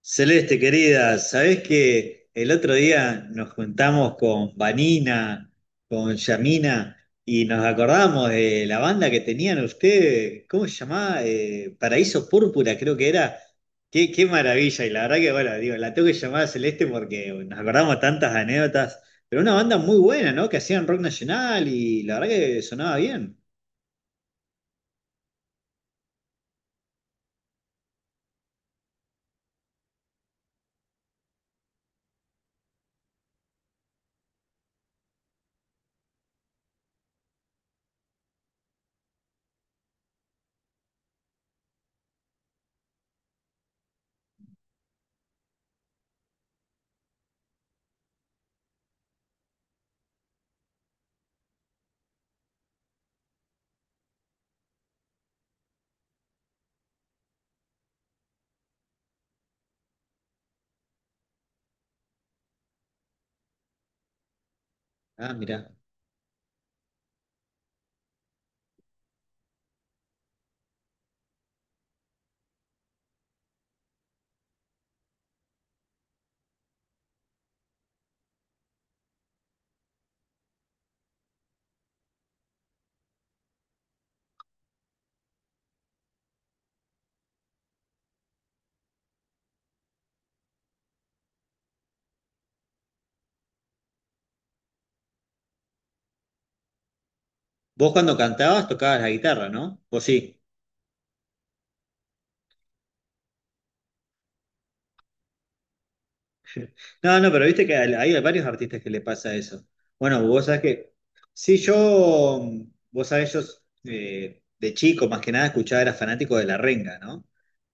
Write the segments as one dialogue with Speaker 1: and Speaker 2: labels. Speaker 1: Celeste, querida, ¿sabés que el otro día nos juntamos con Vanina, con Yamina, y nos acordamos de la banda que tenían ustedes? ¿Cómo se llamaba? Paraíso Púrpura, creo que era. Qué maravilla, y la verdad que, bueno, digo, la tengo que llamar a Celeste porque nos acordamos tantas anécdotas, pero una banda muy buena, ¿no? Que hacían rock nacional y la verdad que sonaba bien. Ah, mirá. Vos cuando cantabas tocabas la guitarra, ¿no? Vos sí. No, no, pero viste que hay varios artistas que le pasa eso. Bueno, vos sabés que, sí, yo, vos sabés, yo de chico más que nada escuchaba, era fanático de La Renga, ¿no?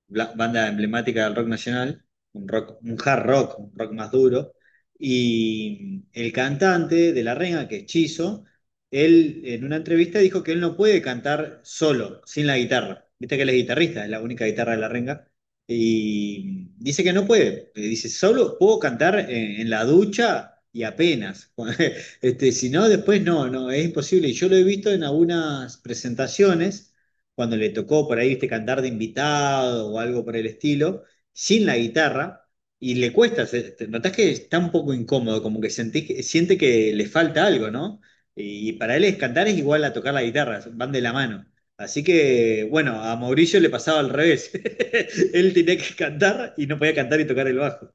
Speaker 1: banda emblemática del rock nacional, un rock, un hard rock, un rock más duro. Y el cantante de La Renga, que es Chizo, él en una entrevista dijo que él no puede cantar solo, sin la guitarra. Viste que él es guitarrista, es la única guitarra de La Renga. Y dice que no puede. Dice, solo puedo cantar en la ducha y apenas. Este, si no, después no, no, es imposible. Y yo lo he visto en algunas presentaciones cuando le tocó por ahí, viste, cantar de invitado o algo por el estilo, sin la guitarra, y le cuesta, notás que está un poco incómodo, como que sentís siente que le falta algo, ¿no? Y para él es cantar es igual a tocar la guitarra, van de la mano. Así que, bueno, a Mauricio le pasaba al revés. Él tenía que cantar y no podía cantar y tocar el bajo.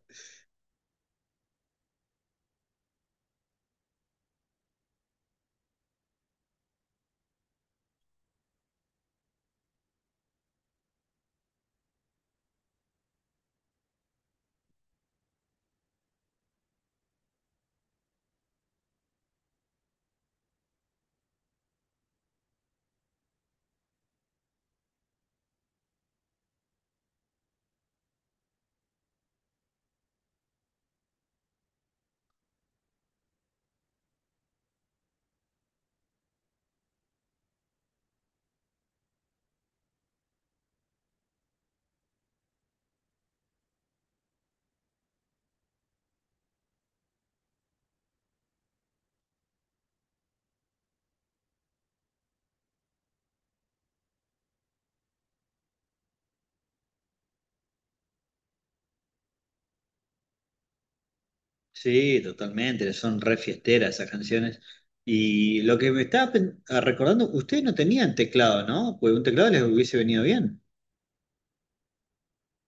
Speaker 1: Sí, totalmente, son re fiesteras esas canciones. Y lo que me estaba recordando, ustedes no tenían teclado, ¿no? Pues un teclado les hubiese venido bien.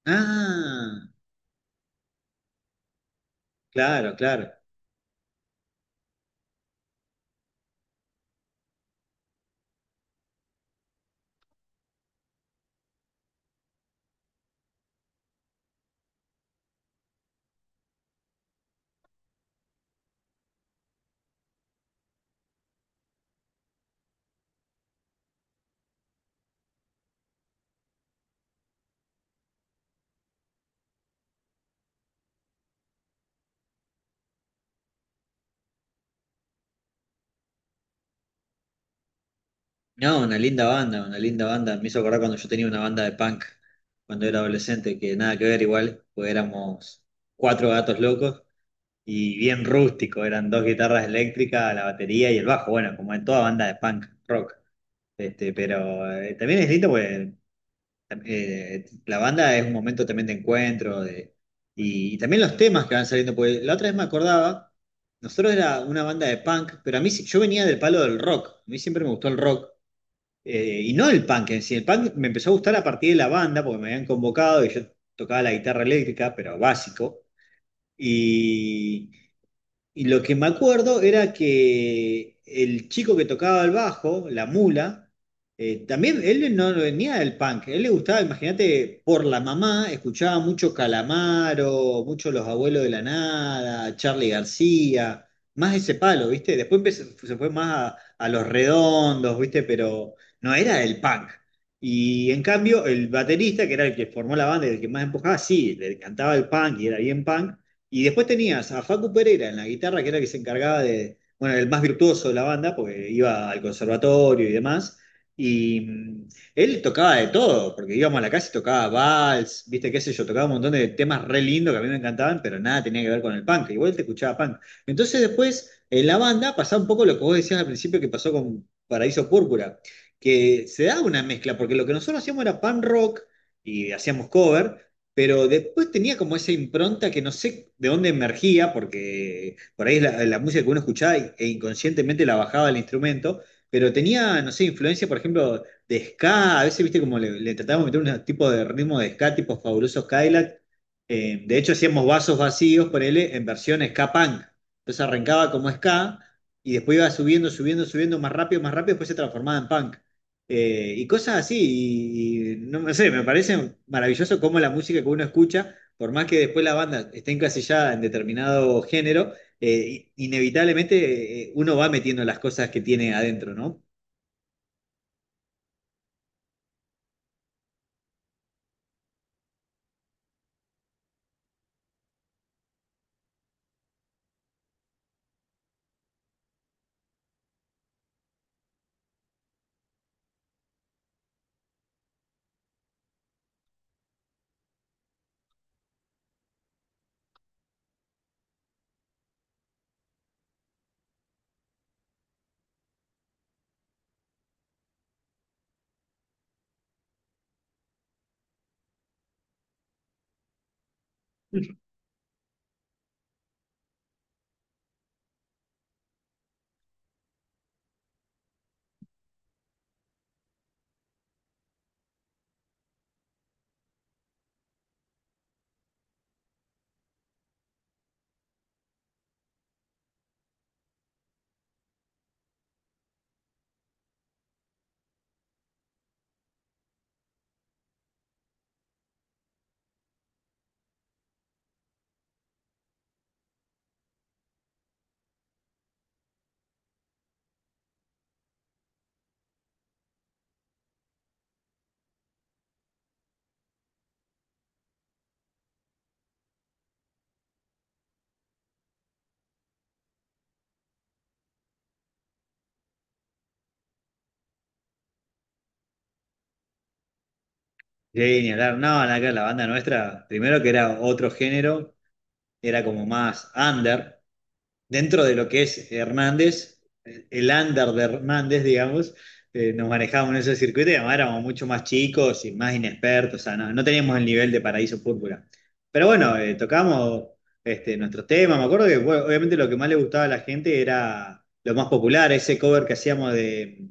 Speaker 1: Ah, claro, claro. No, una linda banda, una linda banda. Me hizo acordar cuando yo tenía una banda de punk, cuando era adolescente, que nada que ver igual, pues éramos cuatro gatos locos y bien rústico, eran dos guitarras eléctricas, la batería y el bajo, bueno, como en toda banda de punk rock. Este, pero también es lindo, pues la banda es un momento también de encuentro de, y también los temas que van saliendo, porque la otra vez me acordaba, nosotros era una banda de punk, pero a mí yo venía del palo del rock, a mí siempre me gustó el rock, y no el punk en sí, el punk me empezó a gustar a partir de la banda, porque me habían convocado y yo tocaba la guitarra eléctrica, pero básico, y... Y lo que me acuerdo era que el chico que tocaba el bajo, la mula, también él no venía del punk, él le gustaba, imagínate, por la mamá, escuchaba mucho Calamaro, mucho Los Abuelos de la Nada, Charly García, más ese palo, ¿viste? Se fue más a Los Redondos, ¿viste? Pero no era del punk. Y en cambio, el baterista, que era el que formó la banda y el que más empujaba, sí, le cantaba el punk y era bien punk y después tenías a Facu Pereira en la guitarra, que era el que se encargaba de, bueno, el más virtuoso de la banda, porque iba al conservatorio y demás. Y él tocaba de todo, porque íbamos a la casa y tocaba vals, viste qué sé yo, tocaba un montón de temas re lindos que a mí me encantaban, pero nada tenía que ver con el punk, igual te escuchaba punk. Entonces después en la banda pasaba un poco lo que vos decías al principio que pasó con Paraíso Púrpura, que se daba una mezcla, porque lo que nosotros hacíamos era punk rock y hacíamos cover, pero después tenía como esa impronta que no sé de dónde emergía, porque por ahí es la música que uno escuchaba e inconscientemente la bajaba al instrumento, pero tenía, no sé, influencia, por ejemplo, de ska, a veces, viste, como le tratábamos de meter un tipo de ritmo de ska, tipo Fabulosos Cadillac. De hecho hacíamos vasos vacíos, ponele, en versión ska punk, entonces arrancaba como ska, y después iba subiendo, subiendo, subiendo más rápido, después se transformaba en punk. Y cosas así, y no sé, me parece maravilloso cómo la música que uno escucha, por más que después la banda esté encasillada en determinado género, inevitablemente uno va metiendo las cosas que tiene adentro, ¿no? Sí, ni hablar, no, la banda nuestra, primero que era otro género, era como más under, dentro de lo que es Hernández, el under de Hernández, digamos, nos manejábamos en ese circuito y además éramos mucho más chicos y más inexpertos, o sea, no teníamos el nivel de Paraíso Púrpura. Pero bueno, tocamos este, nuestros temas, me acuerdo que bueno, obviamente lo que más le gustaba a la gente era lo más popular, ese cover que hacíamos de,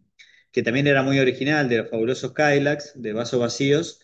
Speaker 1: que también era muy original, de los fabulosos Kylax, de Vasos Vacíos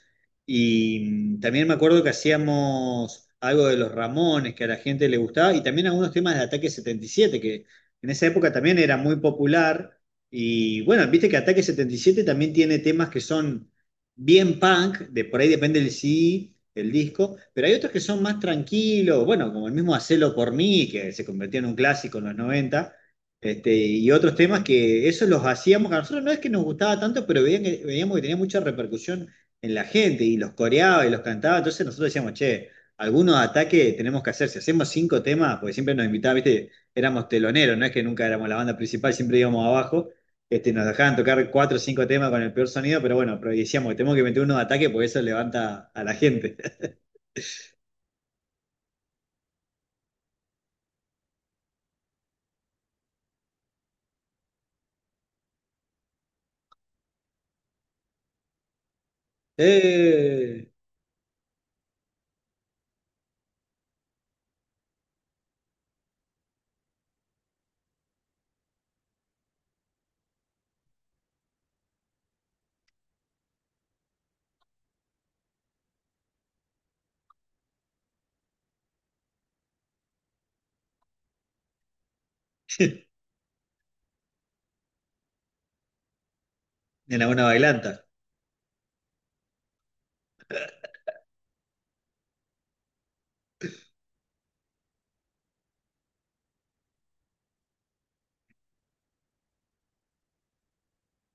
Speaker 1: y también me acuerdo que hacíamos algo de los Ramones, que a la gente le gustaba, y también algunos temas de Ataque 77, que en esa época también era muy popular. Y bueno, viste que Ataque 77 también tiene temas que son bien punk, de por ahí depende del CD, el disco, pero hay otros que son más tranquilos, bueno, como el mismo Hacelo por mí, que se convirtió en un clásico en los noventa. Este, y otros temas que esos los hacíamos, que a nosotros no es que nos gustaba tanto, pero veíamos que tenía mucha repercusión en la gente y los coreaba y los cantaba. Entonces nosotros decíamos, che, algunos ataques tenemos que hacer. Si hacemos cinco temas, porque siempre nos invitaban, viste, éramos teloneros, no es que nunca éramos la banda principal, siempre íbamos abajo. Este, nos dejaban tocar cuatro o cinco temas con el peor sonido, pero bueno, pero decíamos que tenemos que meter unos ataques porque eso levanta a la gente. ¡Eh! En alguna bailanta.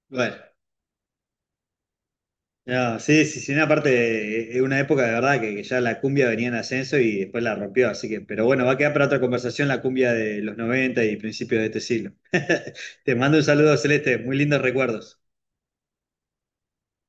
Speaker 1: Bueno. No, sí, sí, sí, una parte, es una época de verdad que ya la cumbia venía en ascenso y después la rompió, así que, pero bueno, va a quedar para otra conversación la cumbia de los 90 y principios de este siglo. Te mando un saludo, Celeste, muy lindos recuerdos.